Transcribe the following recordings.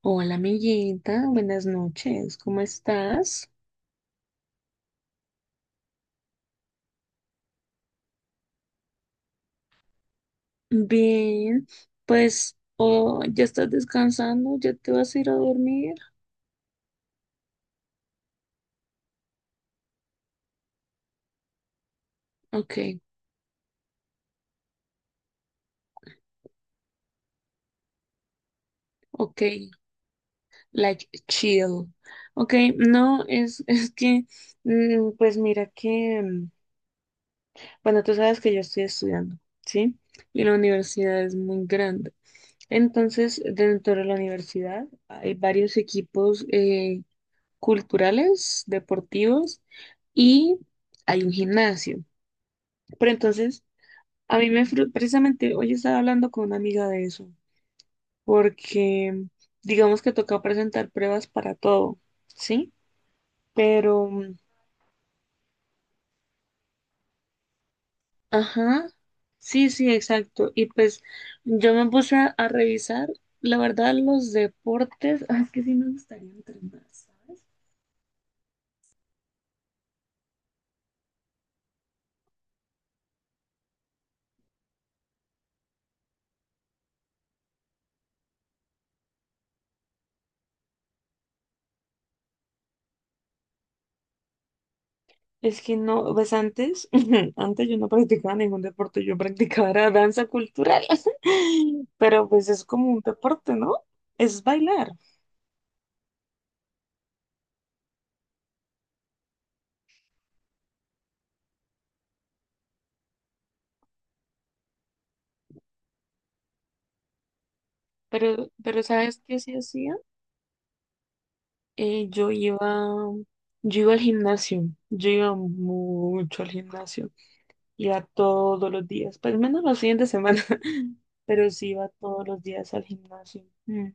Hola, amiguita, buenas noches, ¿cómo estás? Bien, pues, oh, ¿ya estás descansando? ¿Ya te vas a ir a dormir? Ok, ok, like chill. Ok, no, es, es que, pues mira que, bueno, tú sabes que yo estoy estudiando, ¿sí? Y la universidad es muy grande. Entonces, dentro de la universidad hay varios equipos culturales, deportivos y hay un gimnasio. Pero entonces, a mí precisamente hoy estaba hablando con una amiga de eso, porque digamos que toca presentar pruebas para todo, ¿sí? Pero, ajá, sí, sí, exacto. Y pues yo me puse a revisar, la verdad, los deportes, ah, es que sí me gustaría entrenar, ¿sabes? Es que no, pues antes, antes yo no practicaba ningún deporte, yo practicaba era danza cultural, pero pues es como un deporte, ¿no? Es bailar, pero ¿sabes qué sí hacía? Eh, yo iba, yo iba al gimnasio, yo iba mucho al gimnasio, iba todos los días, pues menos los fines de semana, pero sí iba todos los días al gimnasio. Mm.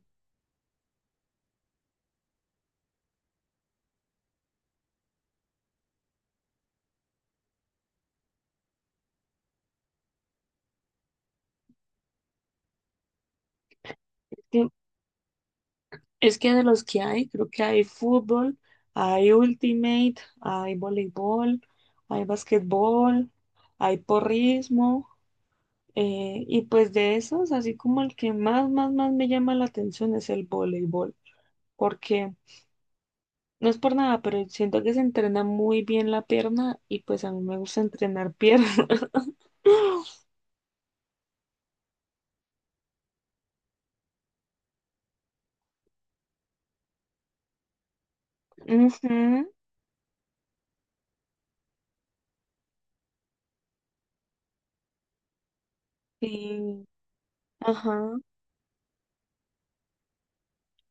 Es que de los que hay, creo que hay fútbol, hay ultimate, hay voleibol, hay basquetbol, hay porrismo. Y pues de esos, así como el que más, más, más me llama la atención es el voleibol. Porque no es por nada, pero siento que se entrena muy bien la pierna y pues a mí me gusta entrenar pierna. Ujú, sí, ajá.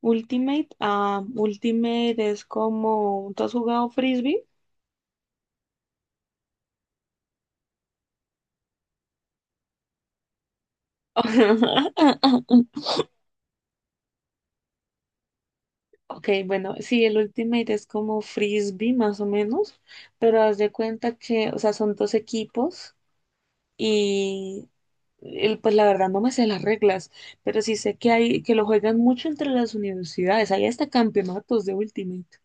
Ultimate, ah, Ultimate es como, ¿tú has jugado frisbee? Ok, bueno, sí, el Ultimate es como frisbee más o menos, pero haz de cuenta que, o sea, son dos equipos y pues la verdad no me sé las reglas, pero sí sé que hay, que lo juegan mucho entre las universidades, hay hasta campeonatos de Ultimate.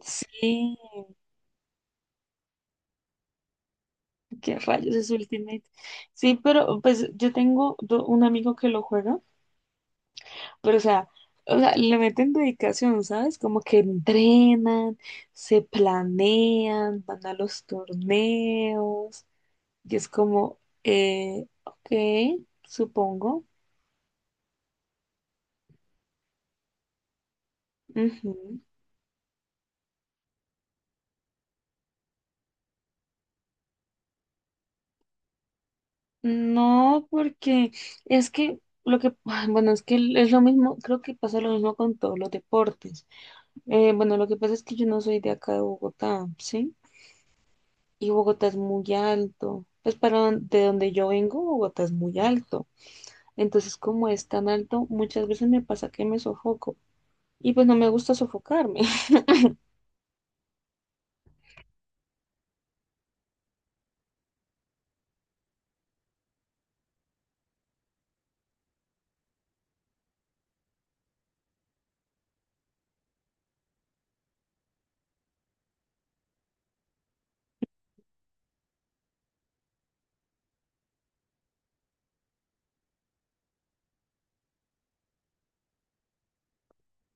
Sí, qué rayos es Ultimate. Sí, pero pues yo tengo un amigo que lo juega. Pero, o sea, le meten dedicación, ¿sabes? Como que entrenan, se planean, van a los torneos, y es como, ok, supongo. Ujú. No, porque es que lo que, bueno, es que es lo mismo, creo que pasa lo mismo con todos los deportes. Bueno, lo que pasa es que yo no soy de acá de Bogotá, ¿sí? Y Bogotá es muy alto. Pues para de donde yo vengo, Bogotá es muy alto. Entonces, como es tan alto, muchas veces me pasa que me sofoco. Y pues no me gusta sofocarme,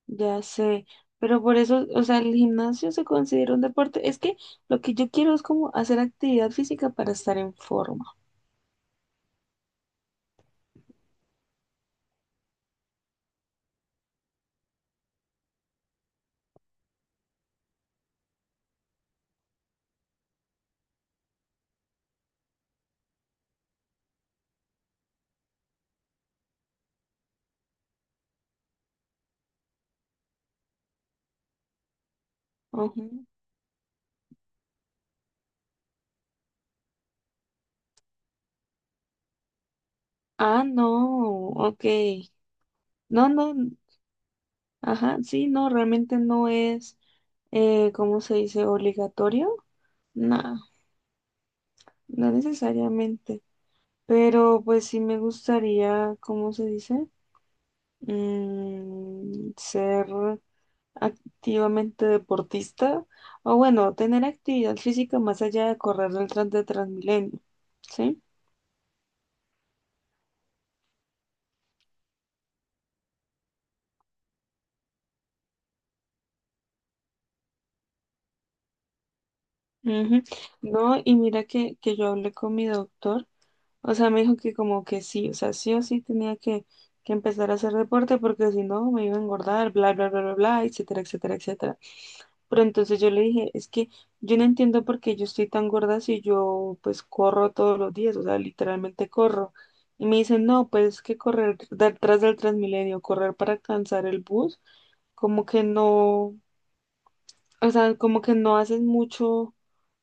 ya sé. Pero por eso, o sea, el gimnasio se considera un deporte. Es que lo que yo quiero es como hacer actividad física para estar en forma. Ujú. Ah, no, ok. No, no, ajá, sí, no, realmente no es, ¿cómo se dice? ¿Obligatorio? No, no necesariamente. Pero pues sí me gustaría, ¿cómo se dice? Ser activamente deportista o bueno, tener actividad física más allá de correr el tras de Transmilenio, ¿sí? Ujú. No, y mira que yo hablé con mi doctor. O sea, me dijo que como que sí, o sea, sí o sí tenía que empezar a hacer deporte porque si no me iba a engordar, bla, bla, bla, bla, bla, etcétera, etcétera, etcétera. Pero entonces yo le dije, es que yo no entiendo por qué yo estoy tan gorda si yo pues corro todos los días, o sea, literalmente corro. Y me dicen, no, pues es que correr detrás del Transmilenio, correr para alcanzar el bus, como que no. O sea, como que no haces mucho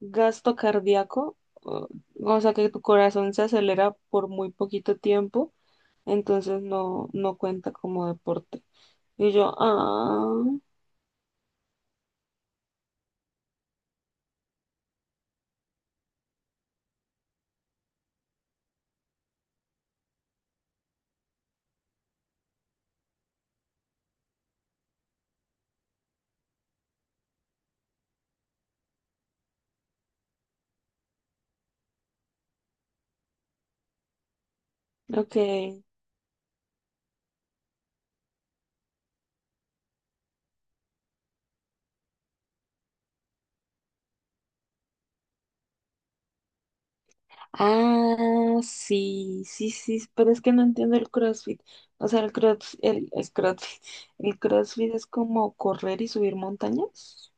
gasto cardíaco, o, o sea, que tu corazón se acelera por muy poquito tiempo, entonces no, no cuenta como deporte. Y yo, ah, ok. Ah, sí, sí, sí, sí, pero es que no entiendo el CrossFit. O sea, es CrossFit. El CrossFit es como correr y subir montañas.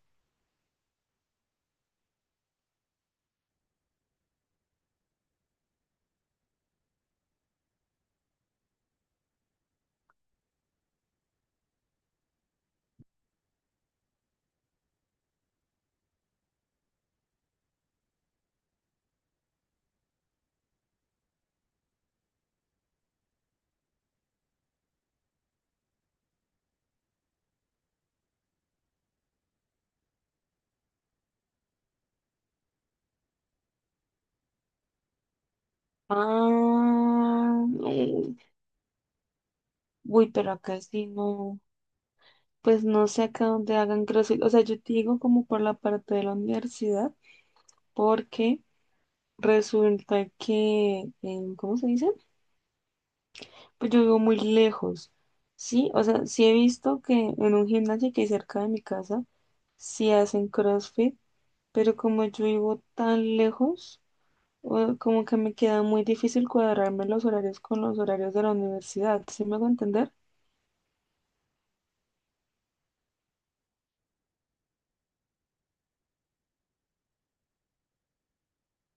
Ah, mm, uy, pero acá sí no. Pues no sé acá dónde hagan CrossFit. O sea, yo te digo como por la parte de la universidad, porque resulta que, ¿cómo se dice? Pues yo vivo muy lejos. Sí, o sea, sí he visto que en un gimnasio que hay cerca de mi casa, sí hacen CrossFit, pero como yo vivo tan lejos, como que me queda muy difícil cuadrarme los horarios con los horarios de la universidad. ¿Sí me hago entender?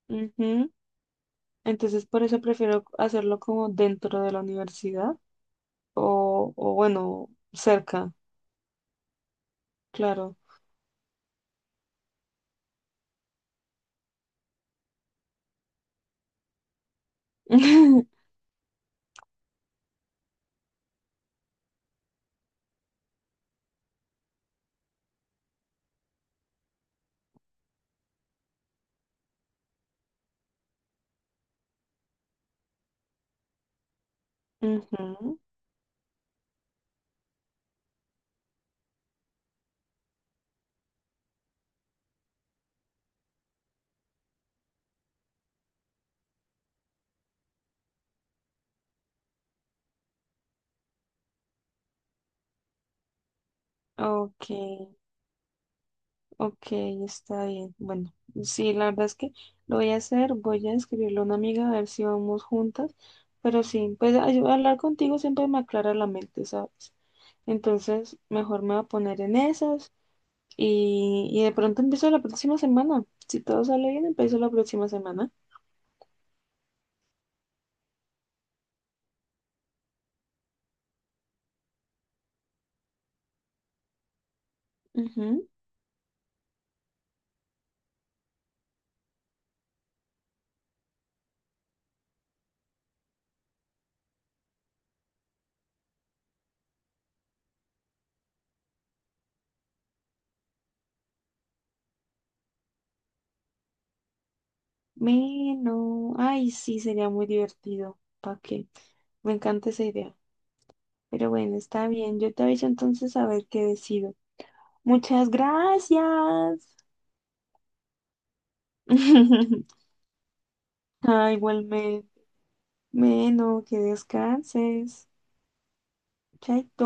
Ujú. Entonces, por eso prefiero hacerlo como dentro de la universidad o bueno, cerca, claro. Ujú, ok, ok, está bien. Bueno, sí, la verdad es que lo voy a hacer, voy a escribirle a una amiga a ver si vamos juntas, pero sí, pues ay, hablar contigo siempre me aclara la mente, ¿sabes? Entonces, mejor me voy a poner en esas y de pronto empiezo la próxima semana. Si todo sale bien, empiezo la próxima semana. Ujú. Bueno, ay, sí, sería muy divertido. ¿Para qué? Me encanta esa idea. Pero bueno, está bien. Yo te aviso entonces a ver qué decido. Muchas gracias. Ah, igualmente. Bueno, que descanses. Chaito.